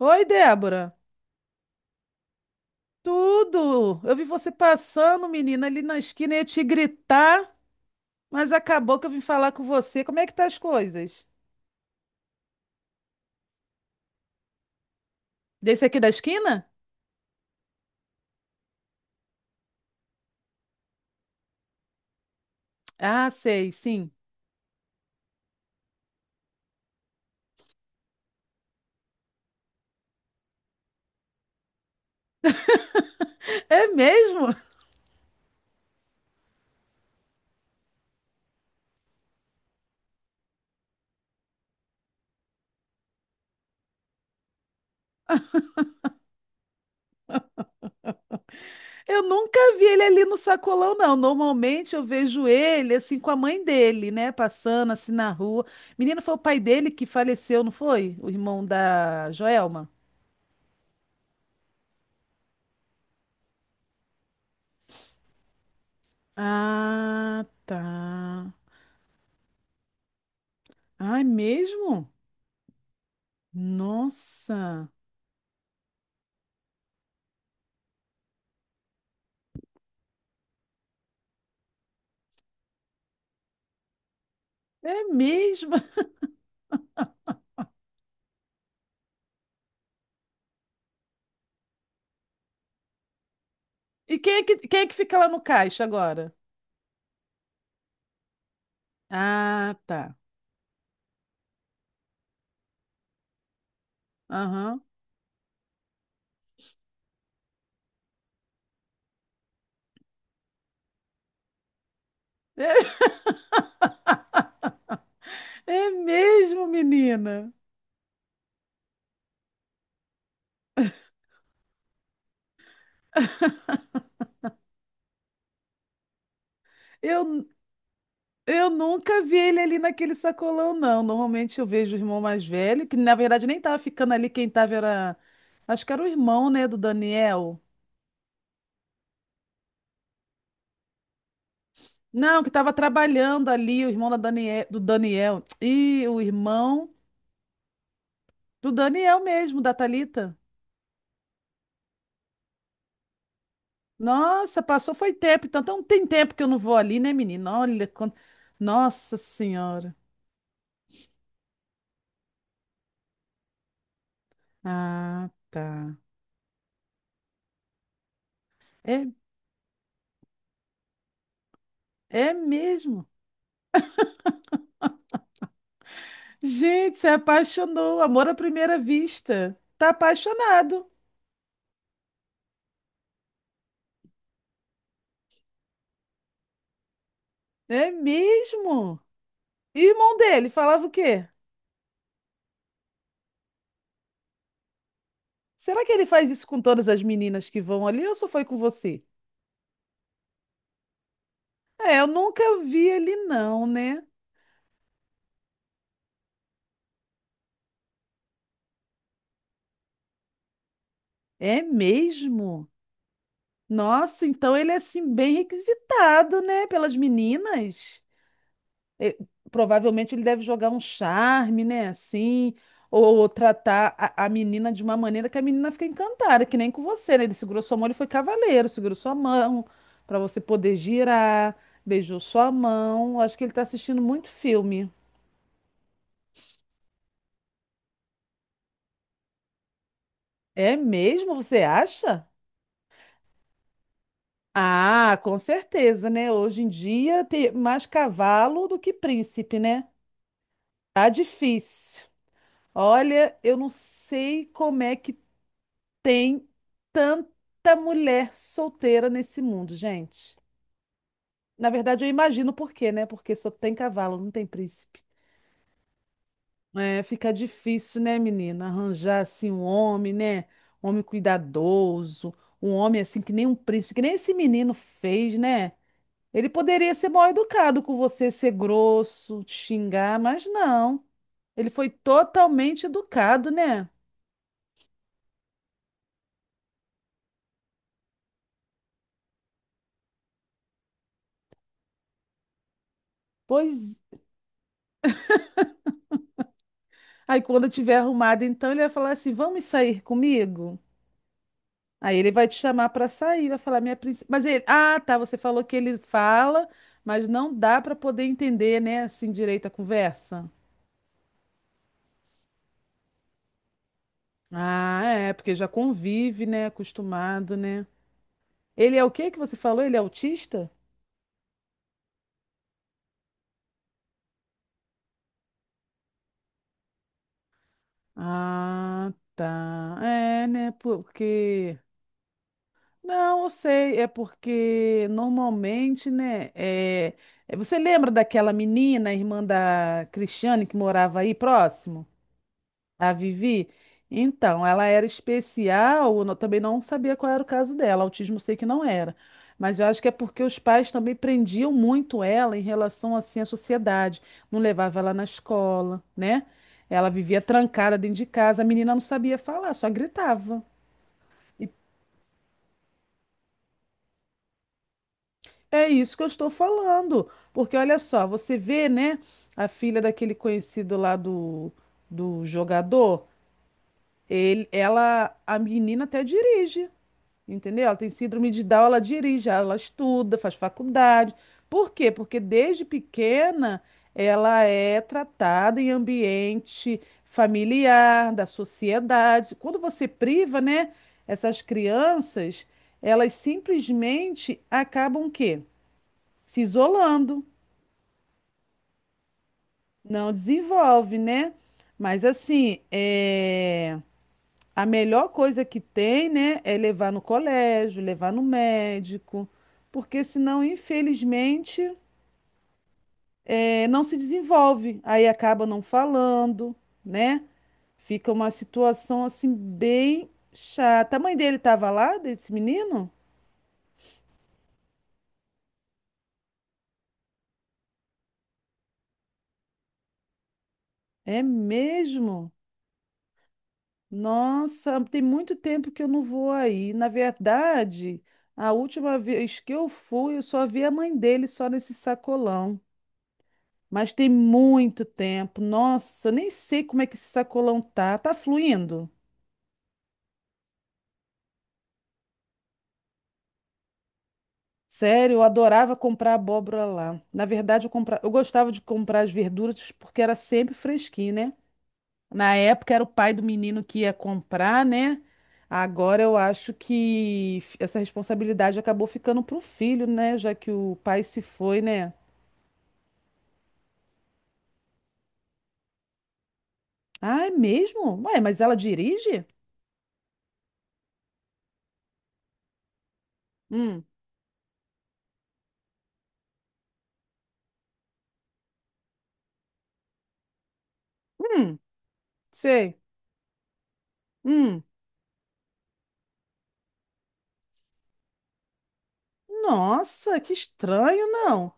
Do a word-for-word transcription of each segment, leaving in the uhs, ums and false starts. Oi, Débora. Tudo! Eu vi você passando, menina, ali na esquina ia te gritar, mas acabou que eu vim falar com você. Como é que tá as coisas? Desse aqui da esquina? Ah, sei, sim. É mesmo? Eu nunca vi ele ali no sacolão, não. Normalmente eu vejo ele assim com a mãe dele, né? Passando assim na rua. Menina, foi o pai dele que faleceu, não foi? O irmão da Joelma? Ah, tá. Ah, é mesmo? Nossa. É mesmo? E quem é que, quem é que fica lá no caixa agora? Ah, tá. Aham. É, é mesmo, menina. Eu, eu nunca vi ele ali naquele sacolão, não. Normalmente eu vejo o irmão mais velho, que na verdade nem tava ficando ali, quem tava era. Acho que era o irmão, né, do Daniel. Não, que tava trabalhando ali, o irmão da Daniel, do Daniel. E o irmão do Daniel mesmo, da Thalita. Nossa, passou foi tempo, então, então tem tempo que eu não vou ali, né, menina? Olha, quant- Nossa Senhora. Ah, tá. É, é mesmo. Gente, se apaixonou, amor à primeira vista. Tá apaixonado. É mesmo. E o irmão dele falava o quê? Será que ele faz isso com todas as meninas que vão ali ou só foi com você? É, eu nunca vi ele não, né? É mesmo. Nossa, então ele é assim bem requisitado, né, pelas meninas. eh, Provavelmente ele deve jogar um charme, né? Assim, ou, ou tratar a, a menina de uma maneira que a menina fica encantada, que nem com você, né? Ele segurou sua mão, ele foi cavaleiro, segurou sua mão para você poder girar, beijou sua mão. Acho que ele tá assistindo muito filme. É mesmo? Você acha? Ah, com certeza, né? Hoje em dia tem mais cavalo do que príncipe, né? Tá difícil. Olha, eu não sei como é que tem tanta mulher solteira nesse mundo, gente. Na verdade, eu imagino por quê, né? Porque só tem cavalo, não tem príncipe. É, fica difícil, né, menina? Arranjar assim um homem, né? Um homem cuidadoso, um homem assim que nem um príncipe, que nem esse menino fez, né? Ele poderia ser mal educado com você, ser grosso, te xingar, mas não. Ele foi totalmente educado, né? Pois. Aí quando eu tiver arrumado, então ele vai falar assim: vamos sair comigo? Aí ele vai te chamar pra sair, vai falar minha princesa. Mas ele, ah, tá, você falou que ele fala, mas não dá pra poder entender, né, assim direito a conversa. Ah, é, porque já convive, né, acostumado, né? Ele é o que que você falou? Ele é autista? Ah, tá. É, né, porque não, eu sei, é porque normalmente, né, é... é, você lembra daquela menina, irmã da Cristiane que morava aí próximo? A Vivi? Então, ela era especial, eu não- também não sabia qual era o caso dela, autismo eu sei que não era. Mas eu acho que é porque os pais também prendiam muito ela em relação assim à sociedade, não levava ela na escola, né? Ela vivia trancada dentro de casa, a menina não sabia falar, só gritava. E é isso que eu estou falando, porque olha só, você vê, né, a filha daquele conhecido lá do, do jogador, ele, ela, a menina até dirige. Entendeu? Ela tem síndrome de Down, ela dirige, ela estuda, faz faculdade. Por quê? Porque desde pequena ela é tratada em ambiente familiar, da sociedade. Quando você priva, né, essas crianças, elas simplesmente acabam o quê? Se isolando, não desenvolve, né? Mas assim, é... A melhor coisa que tem, né, é levar no colégio, levar no médico, porque senão, infelizmente, eh, não se desenvolve. Aí acaba não falando, né? Fica uma situação assim bem chata. A mãe dele estava lá, desse menino? É mesmo? Nossa, tem muito tempo que eu não vou aí. Na verdade, a última vez que eu fui, eu só vi a mãe dele só nesse sacolão. Mas tem muito tempo. Nossa, eu nem sei como é que esse sacolão tá. Tá fluindo. Sério, eu adorava comprar abóbora lá. Na verdade, eu compra... eu gostava de comprar as verduras porque era sempre fresquinho, né? Na época era o pai do menino que ia comprar, né? Agora eu acho que f- essa responsabilidade acabou ficando pro filho, né? Já que o pai se foi, né? Ah, é mesmo? Ué, mas ela dirige? Hum, hum, sei. Hum. Nossa, que estranho, não.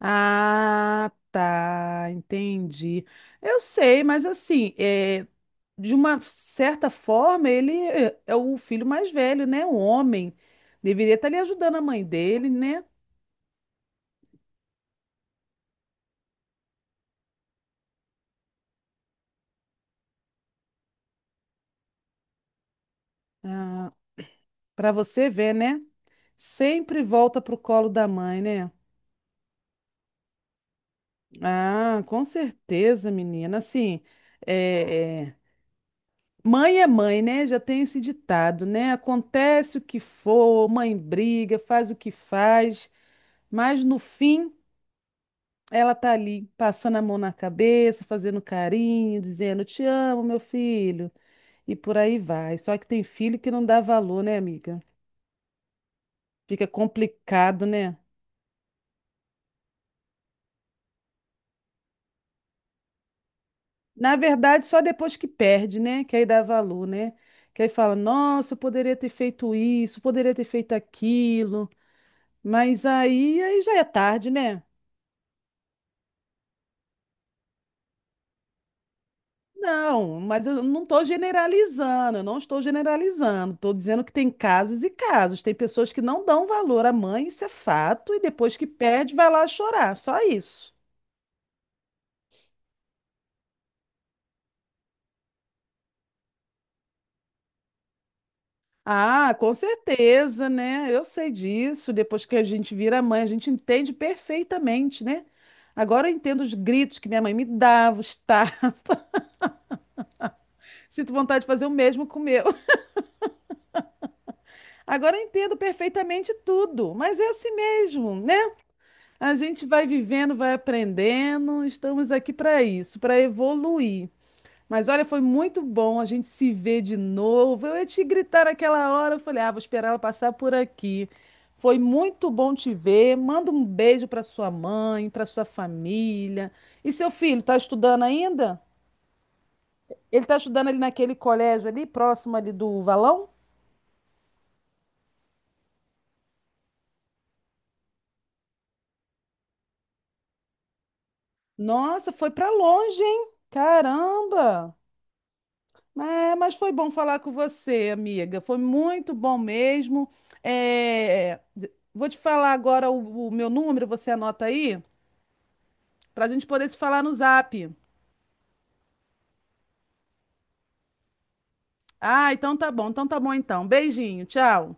Ah, tá, entendi. Eu sei, mas assim, é, de uma certa forma, ele é é o filho mais velho, né? O homem. Deveria estar ali ajudando a mãe dele, né? Ah, para você ver, né? Sempre volta pro colo da mãe, né? Ah, com certeza, menina. Assim, é, é, mãe é mãe, né? Já tem esse ditado, né? Acontece o que for, mãe briga, faz o que faz, mas no fim. Ela tá ali passando a mão na cabeça, fazendo carinho, dizendo te amo, meu filho, e por aí vai. Só que tem filho que não dá valor, né, amiga? Fica complicado, né? Na verdade, só depois que perde, né? Que aí dá valor, né? Que aí fala, nossa, eu poderia ter feito isso, poderia ter feito aquilo. Mas aí, aí já é tarde, né? Não, mas eu não estou generalizando, eu não estou generalizando. Estou dizendo que tem casos e casos. Tem pessoas que não dão valor à mãe, isso é fato, e depois que perde, vai lá chorar, só isso. Ah, com certeza, né? Eu sei disso. Depois que a gente vira mãe, a gente entende perfeitamente, né? Agora eu entendo os gritos que minha mãe me dava, os tapas. Sinto vontade de fazer o mesmo com o meu. Agora eu entendo perfeitamente tudo, mas é assim mesmo, né? A gente vai vivendo, vai aprendendo, estamos aqui para isso, para evoluir. Mas olha, foi muito bom a gente se ver de novo. Eu ia te gritar naquela hora, eu falei, ah, vou esperar ela passar por aqui. Foi muito bom te ver. Manda um beijo para sua mãe, para sua família. E seu filho, tá estudando ainda? Ele tá estudando ali naquele colégio ali, próximo ali do Valão? Nossa, foi para longe, hein? Caramba! É, mas foi bom falar com você, amiga. Foi muito bom mesmo. É, d- vou te falar agora o, o meu número, você anota aí, para a gente poder se falar no Zap. Ah, então tá bom, então tá bom então. Beijinho, tchau.